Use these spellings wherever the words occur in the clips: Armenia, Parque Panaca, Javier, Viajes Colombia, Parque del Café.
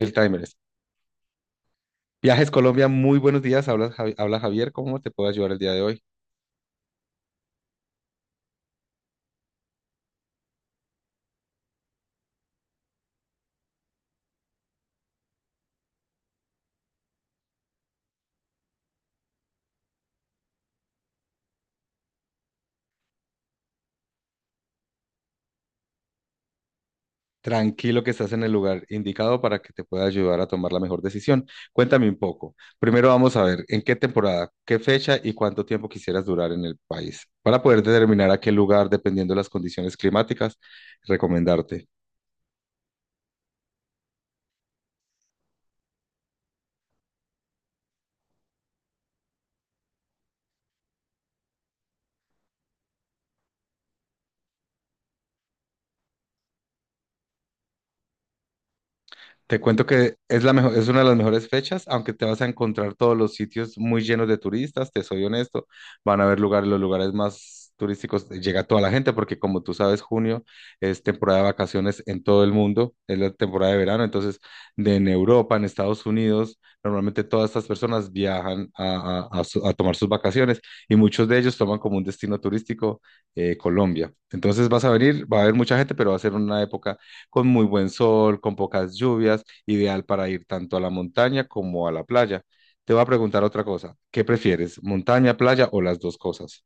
El timer es. Viajes Colombia, muy buenos días. Habla Javier, ¿cómo te puedo ayudar el día de hoy? Tranquilo que estás en el lugar indicado para que te pueda ayudar a tomar la mejor decisión. Cuéntame un poco. Primero vamos a ver en qué temporada, qué fecha y cuánto tiempo quisieras durar en el país para poder determinar a qué lugar, dependiendo de las condiciones climáticas, recomendarte. Te cuento que es la mejor, es una de las mejores fechas, aunque te vas a encontrar todos los sitios muy llenos de turistas, te soy honesto, van a haber lugares, los lugares más turísticos, llega toda la gente, porque como tú sabes, junio es temporada de vacaciones en todo el mundo, es la temporada de verano, entonces en Europa, en Estados Unidos, normalmente todas estas personas viajan a tomar sus vacaciones y muchos de ellos toman como un destino turístico Colombia. Entonces vas a venir, va a haber mucha gente, pero va a ser una época con muy buen sol, con pocas lluvias, ideal para ir tanto a la montaña como a la playa. Te voy a preguntar otra cosa. ¿Qué prefieres, montaña, playa o las dos cosas?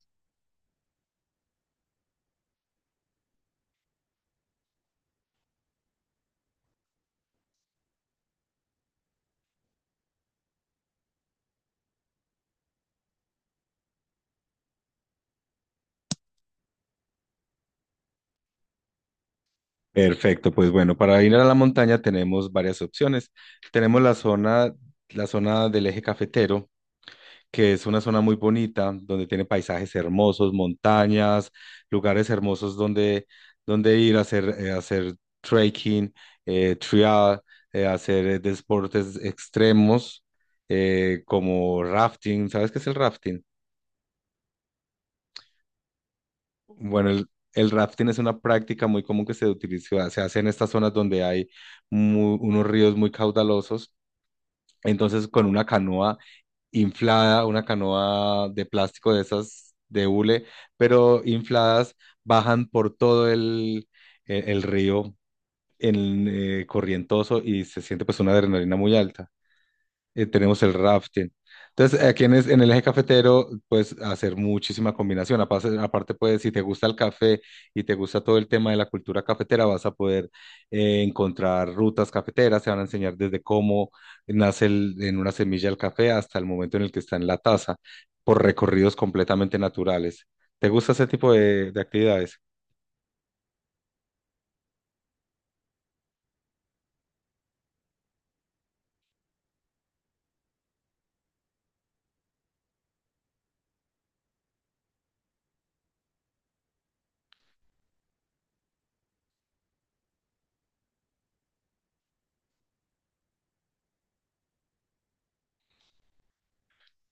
Perfecto, pues bueno, para ir a la montaña tenemos varias opciones. Tenemos la zona del eje cafetero, que es una zona muy bonita, donde tiene paisajes hermosos, montañas, lugares hermosos donde ir a hacer trekking, trial, hacer deportes extremos, como rafting. ¿Sabes qué es el rafting? Bueno, el rafting es una práctica muy común que se utiliza, se hace en estas zonas donde hay unos ríos muy caudalosos. Entonces, con una canoa inflada, una canoa de plástico de esas de hule, pero infladas, bajan por todo el río, en, corrientoso, y se siente pues una adrenalina muy alta. Tenemos el rafting. Entonces, aquí en, en el eje cafetero puedes hacer muchísima combinación. Aparte, pues, si te gusta el café y te gusta todo el tema de la cultura cafetera, vas a poder encontrar rutas cafeteras. Te van a enseñar desde cómo nace en una semilla el café hasta el momento en el que está en la taza, por recorridos completamente naturales. ¿Te gusta ese tipo de actividades?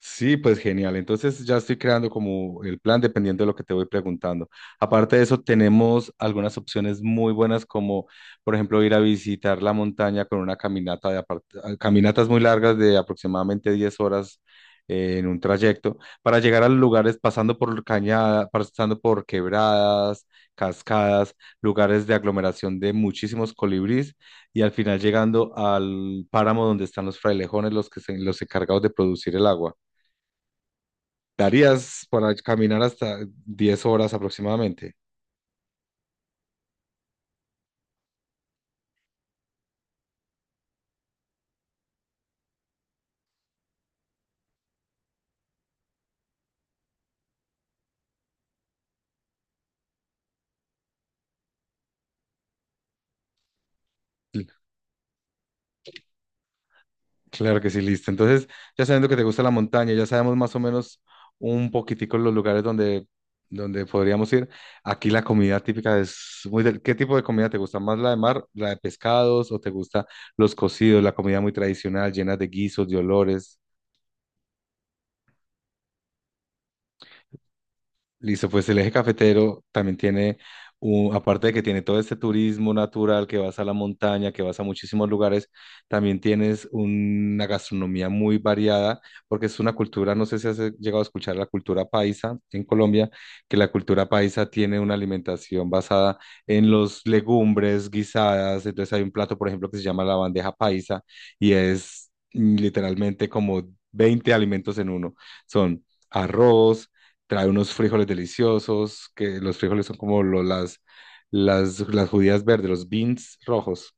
Sí, pues genial. Entonces ya estoy creando como el plan dependiendo de lo que te voy preguntando. Aparte de eso, tenemos algunas opciones muy buenas como, por ejemplo, ir a visitar la montaña con una caminata de apart- ah, caminatas muy largas de aproximadamente 10 horas en un trayecto para llegar a los lugares pasando por cañada, pasando por quebradas, cascadas, lugares de aglomeración de muchísimos colibrís, y al final llegando al páramo donde están los frailejones, los encargados de producir el agua. Darías para caminar hasta 10 horas aproximadamente. Cl- Claro que sí, listo. Entonces, ya sabiendo que te gusta la montaña, ya sabemos más o menos un poquitico los lugares donde podríamos ir. Aquí la comida típica es muy... del- ¿Qué tipo de comida te gusta? ¿Más la de mar, la de pescados, o te gusta los cocidos, la comida muy tradicional, llena de guisos, de olores? Listo, pues el eje cafetero también tiene, aparte de que tiene todo este turismo natural, que vas a la montaña, que vas a muchísimos lugares, también tienes una gastronomía muy variada, porque es una cultura, no sé si has llegado a escuchar la cultura paisa en Colombia, que la cultura paisa tiene una alimentación basada en los legumbres guisadas. Entonces hay un plato, por ejemplo, que se llama la bandeja paisa, y es literalmente como 20 alimentos en uno. Son arroz, trae unos frijoles deliciosos, que los frijoles son como las judías verdes, los beans rojos,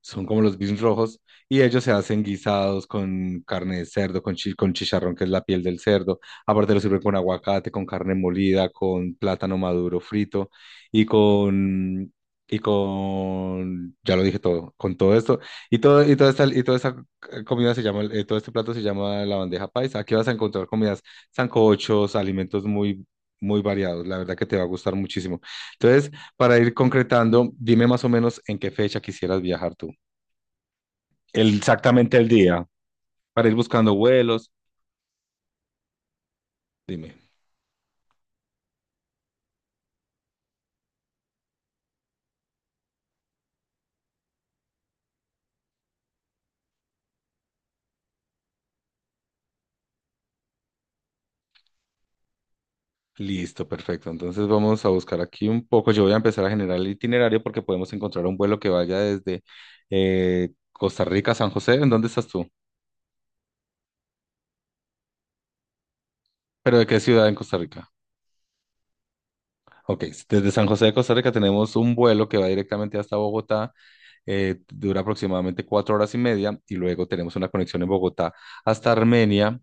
son como los beans rojos, y ellos se hacen guisados con carne de cerdo, con chicharrón, que es la piel del cerdo. Aparte lo sirven con aguacate, con carne molida, con plátano maduro frito y con... Y con, ya lo dije todo, con todo esto, y todo, y toda esta comida se llama, todo este plato se llama la bandeja paisa. Aquí vas a encontrar comidas, sancochos, alimentos muy, muy variados. La verdad que te va a gustar muchísimo. Entonces, para ir concretando, dime más o menos en qué fecha quisieras viajar tú. Exactamente el día, para ir buscando vuelos. Dime. Listo, perfecto. Entonces vamos a buscar aquí un poco. Yo voy a empezar a generar el itinerario porque podemos encontrar un vuelo que vaya desde Costa Rica a San José. ¿En dónde estás tú? ¿Pero de qué ciudad en Costa Rica? Ok, desde San José de Costa Rica tenemos un vuelo que va directamente hasta Bogotá. Dura aproximadamente 4 horas y media, y luego tenemos una conexión en Bogotá hasta Armenia.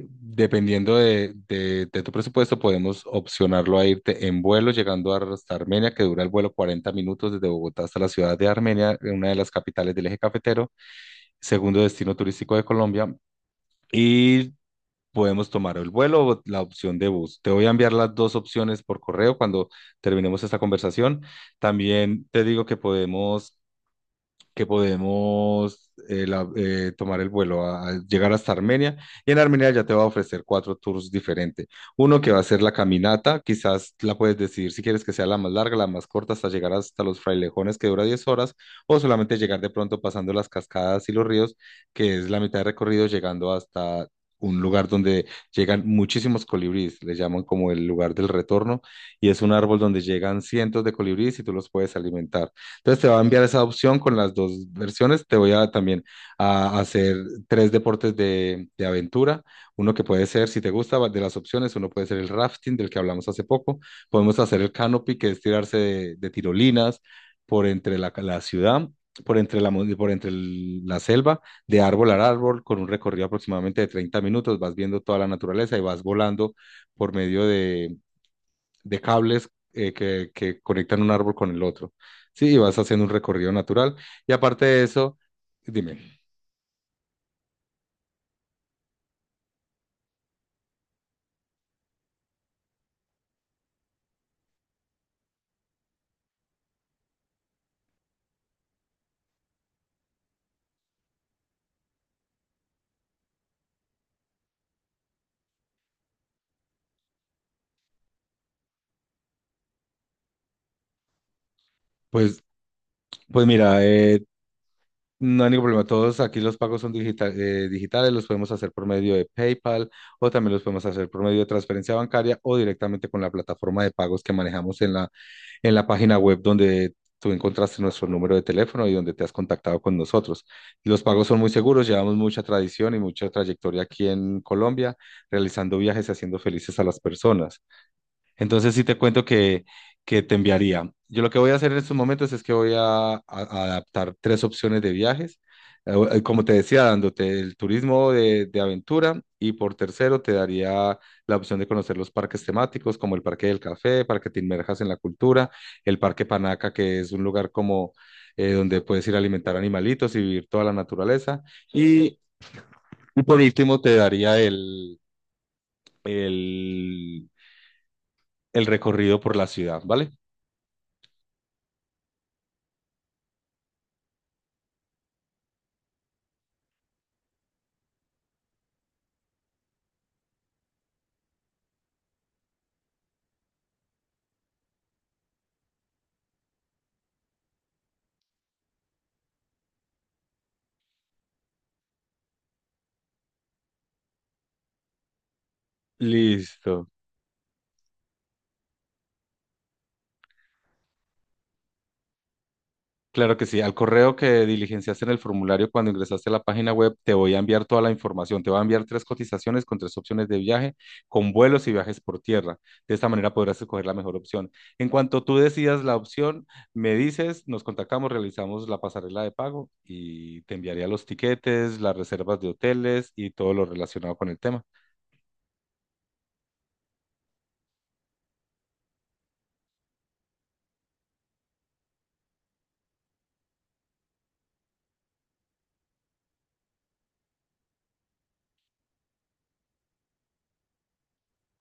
Dependiendo de tu presupuesto, podemos opcionarlo a irte en vuelo, llegando hasta Armenia, que dura el vuelo 40 minutos desde Bogotá hasta la ciudad de Armenia, una de las capitales del eje cafetero, segundo destino turístico de Colombia. Y podemos tomar el vuelo o la opción de bus. Te voy a enviar las dos opciones por correo cuando terminemos esta conversación. También te digo que podemos, que podemos tomar el vuelo a, llegar hasta Armenia. Y en Armenia ya te va a ofrecer cuatro tours diferentes. Uno que va a ser la caminata, quizás la puedes decidir si quieres que sea la más larga, la más corta, hasta llegar hasta los frailejones, que dura 10 horas, o solamente llegar de pronto pasando las cascadas y los ríos, que es la mitad de recorrido, llegando hasta un lugar donde llegan muchísimos colibríes, le llaman como el lugar del retorno, y es un árbol donde llegan cientos de colibríes y tú los puedes alimentar. Entonces te va a enviar esa opción con las dos versiones. Te voy a también a hacer tres deportes de aventura. Uno que puede ser, si te gusta, de las opciones, uno puede ser el rafting del que hablamos hace poco. Podemos hacer el canopy, que es tirarse de tirolinas por entre la ciudad, por entre la selva, de árbol a árbol, con un recorrido aproximadamente de 30 minutos. Vas viendo toda la naturaleza y vas volando por medio de cables, que conectan un árbol con el otro. Sí, y vas haciendo un recorrido natural. Y aparte de eso, dime. Pues, pues mira, no hay ningún problema. Todos aquí los pagos son digitales, los podemos hacer por medio de PayPal, o también los podemos hacer por medio de transferencia bancaria, o directamente con la plataforma de pagos que manejamos en en la página web, donde tú encontraste nuestro número de teléfono y donde te has contactado con nosotros. Los pagos son muy seguros, llevamos mucha tradición y mucha trayectoria aquí en Colombia, realizando viajes y haciendo felices a las personas. Entonces sí te cuento que, te enviaría. Yo lo que voy a hacer en estos momentos es que voy a adaptar tres opciones de viajes. Como te decía, dándote el turismo de aventura, y por tercero te daría la opción de conocer los parques temáticos como el Parque del Café, para que te inmerjas en la cultura, el Parque Panaca, que es un lugar como donde puedes ir a alimentar animalitos y vivir toda la naturaleza. Y, y por último te daría el, el recorrido por la ciudad, ¿vale? Listo. Claro que sí. Al correo que diligenciaste en el formulario cuando ingresaste a la página web, te voy a enviar toda la información. Te voy a enviar tres cotizaciones con tres opciones de viaje, con vuelos y viajes por tierra. De esta manera podrás escoger la mejor opción. En cuanto tú decidas la opción, me dices, nos contactamos, realizamos la pasarela de pago y te enviaría los tiquetes, las reservas de hoteles y todo lo relacionado con el tema.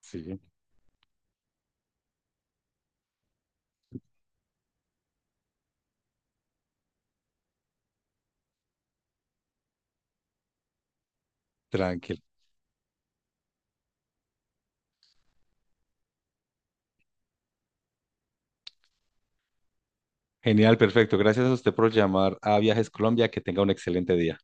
Sí, tranquilo. Genial, perfecto. Gracias a usted por llamar a Viajes Colombia. Que tenga un excelente día.